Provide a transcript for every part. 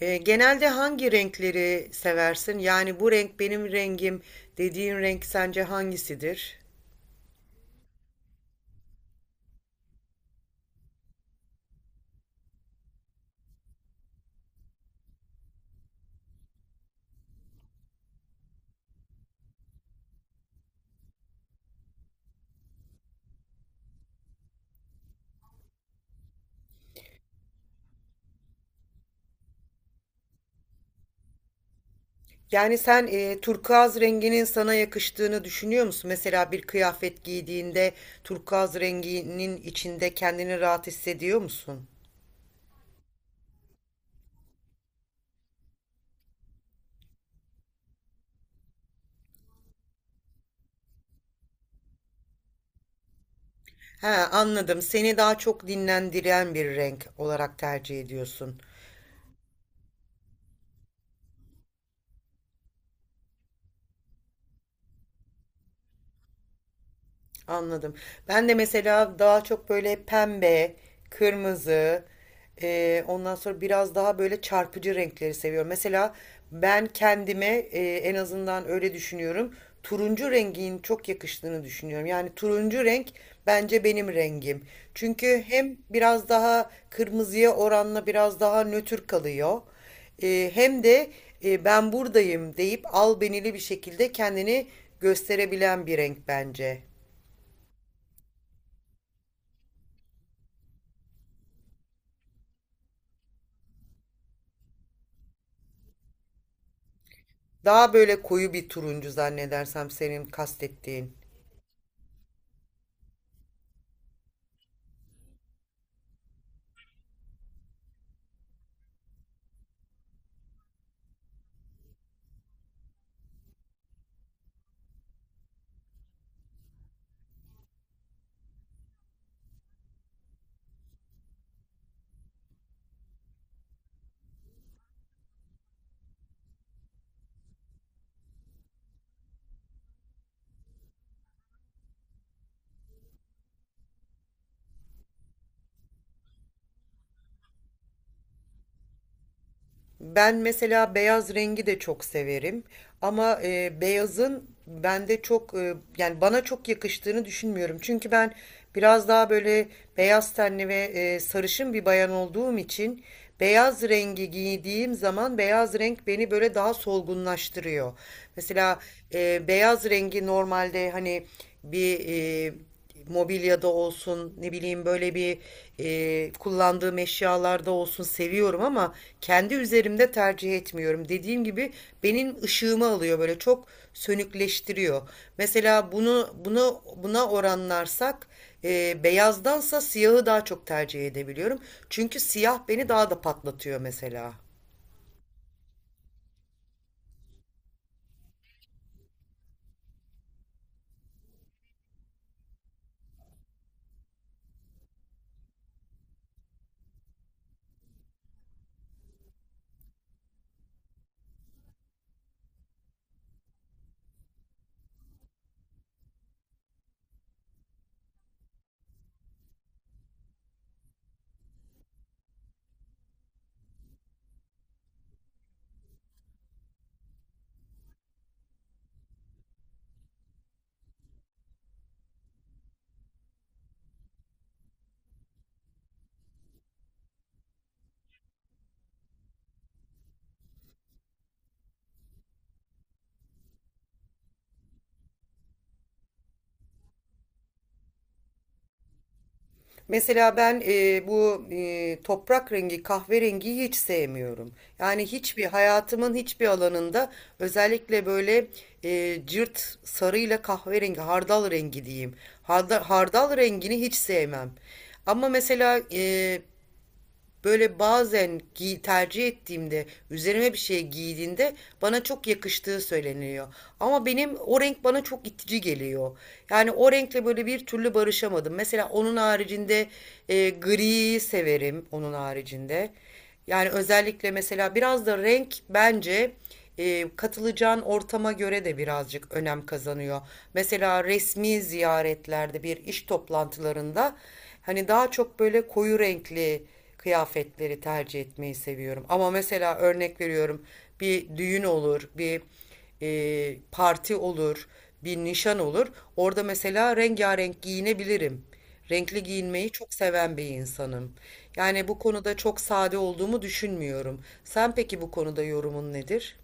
Genelde hangi renkleri seversin? Yani bu renk benim rengim dediğin renk sence hangisidir? Yani sen turkuaz renginin sana yakıştığını düşünüyor musun? Mesela bir kıyafet giydiğinde turkuaz renginin içinde kendini rahat hissediyor musun? He, anladım. Seni daha çok dinlendiren bir renk olarak tercih ediyorsun. Anladım. Ben de mesela daha çok böyle pembe, kırmızı, ondan sonra biraz daha böyle çarpıcı renkleri seviyorum. Mesela ben kendime en azından öyle düşünüyorum. Turuncu rengin çok yakıştığını düşünüyorum. Yani turuncu renk bence benim rengim. Çünkü hem biraz daha kırmızıya oranla biraz daha nötr kalıyor. Hem de ben buradayım deyip albenili bir şekilde kendini gösterebilen bir renk bence. Daha böyle koyu bir turuncu zannedersem senin kastettiğin. Ben mesela beyaz rengi de çok severim ama beyazın bende çok yani bana çok yakıştığını düşünmüyorum. Çünkü ben biraz daha böyle beyaz tenli ve sarışın bir bayan olduğum için beyaz rengi giydiğim zaman beyaz renk beni böyle daha solgunlaştırıyor. Mesela beyaz rengi normalde hani bir e, mobilyada olsun ne bileyim böyle bir kullandığım eşyalarda olsun seviyorum ama kendi üzerimde tercih etmiyorum. Dediğim gibi benim ışığımı alıyor böyle çok sönükleştiriyor. Mesela bunu buna oranlarsak beyazdansa siyahı daha çok tercih edebiliyorum. Çünkü siyah beni daha da patlatıyor mesela. Mesela ben bu toprak rengi, kahverengiyi hiç sevmiyorum. Yani hiçbir hayatımın hiçbir alanında özellikle böyle cırt sarıyla kahverengi, hardal rengi diyeyim. Hardal rengini hiç sevmem. Ama mesela böyle bazen tercih ettiğimde, üzerime bir şey giydiğinde bana çok yakıştığı söyleniyor. Ama benim o renk bana çok itici geliyor. Yani o renkle böyle bir türlü barışamadım. Mesela onun haricinde gri severim onun haricinde. Yani özellikle mesela biraz da renk bence katılacağın ortama göre de birazcık önem kazanıyor. Mesela resmi ziyaretlerde bir iş toplantılarında hani daha çok böyle koyu renkli kıyafetleri tercih etmeyi seviyorum. Ama mesela örnek veriyorum bir düğün olur, bir parti olur, bir nişan olur. Orada mesela rengarenk giyinebilirim. Renkli giyinmeyi çok seven bir insanım. Yani bu konuda çok sade olduğumu düşünmüyorum. Sen peki bu konuda yorumun nedir?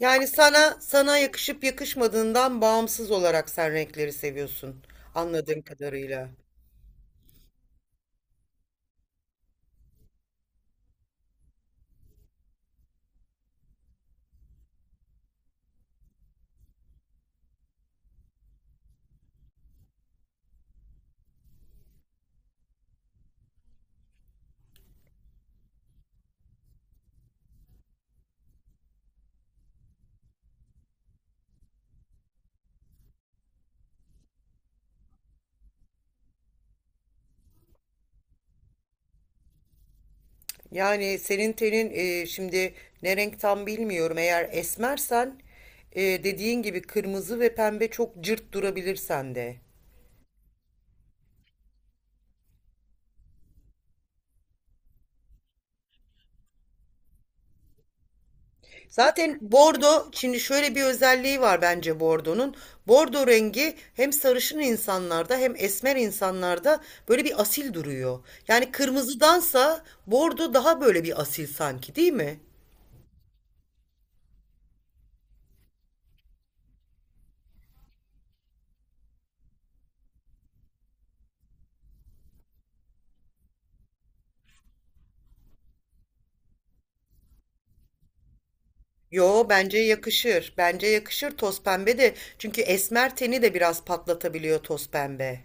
Yani sana yakışıp yakışmadığından bağımsız olarak sen renkleri seviyorsun anladığım kadarıyla. Yani senin tenin şimdi ne renk tam bilmiyorum. Eğer esmersen dediğin gibi kırmızı ve pembe çok cırt durabilir sende. Zaten bordo şimdi şöyle bir özelliği var bence bordonun. Bordo rengi hem sarışın insanlarda hem esmer insanlarda böyle bir asil duruyor. Yani kırmızıdansa bordo daha böyle bir asil sanki değil mi? Yo bence yakışır. Bence yakışır toz pembe de. Çünkü esmer teni de biraz patlatabiliyor toz pembe.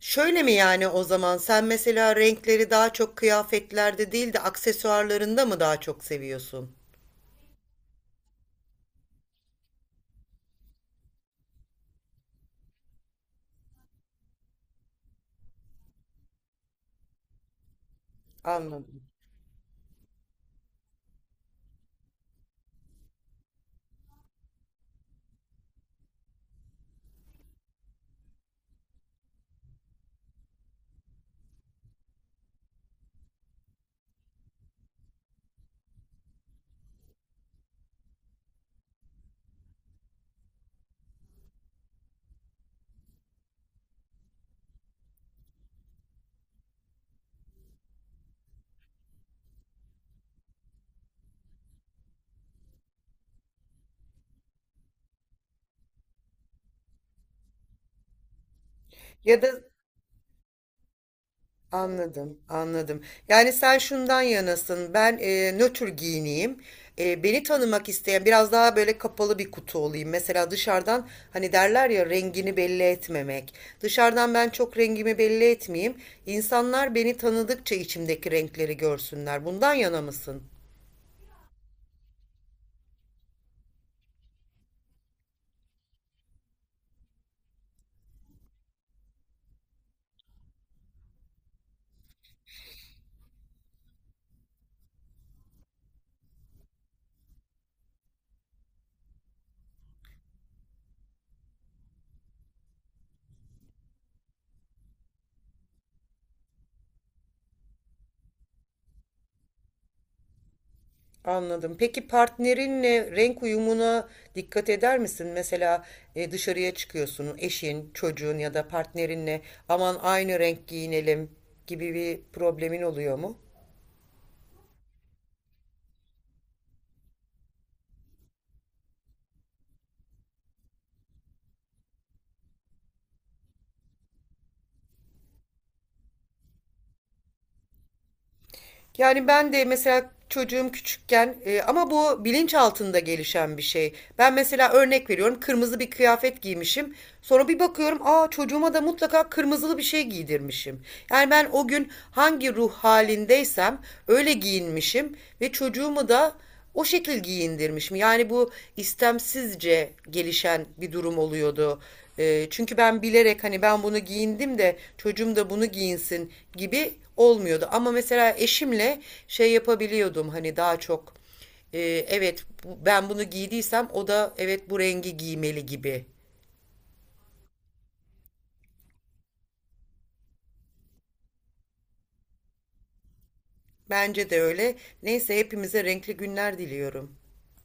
Şöyle mi yani o zaman sen mesela renkleri daha çok kıyafetlerde değil de aksesuarlarında mı daha çok seviyorsun? Anladım. Ya da anladım, anladım. Yani sen şundan yanasın, ben nötr giyineyim, beni tanımak isteyen biraz daha böyle kapalı bir kutu olayım. Mesela dışarıdan hani derler ya rengini belli etmemek. Dışarıdan ben çok rengimi belli etmeyeyim. İnsanlar beni tanıdıkça içimdeki renkleri görsünler. Bundan yana mısın? Anladım. Peki partnerinle renk uyumuna dikkat eder misin? Mesela dışarıya çıkıyorsun, eşin, çocuğun ya da partnerinle aman aynı renk giyinelim gibi bir problemin oluyor mu? Yani ben de mesela çocuğum küçükken ama bu bilinç altında gelişen bir şey. Ben mesela örnek veriyorum kırmızı bir kıyafet giymişim. Sonra bir bakıyorum aa çocuğuma da mutlaka kırmızılı bir şey giydirmişim. Yani ben o gün hangi ruh halindeysem öyle giyinmişim ve çocuğumu da o şekil giyindirmiş mi? Yani bu istemsizce gelişen bir durum oluyordu. Çünkü ben bilerek hani ben bunu giyindim de çocuğum da bunu giyinsin gibi olmuyordu. Ama mesela eşimle şey yapabiliyordum hani daha çok e, evet ben bunu giydiysem o da evet bu rengi giymeli gibi. Bence de öyle. Neyse hepimize renkli günler diliyorum.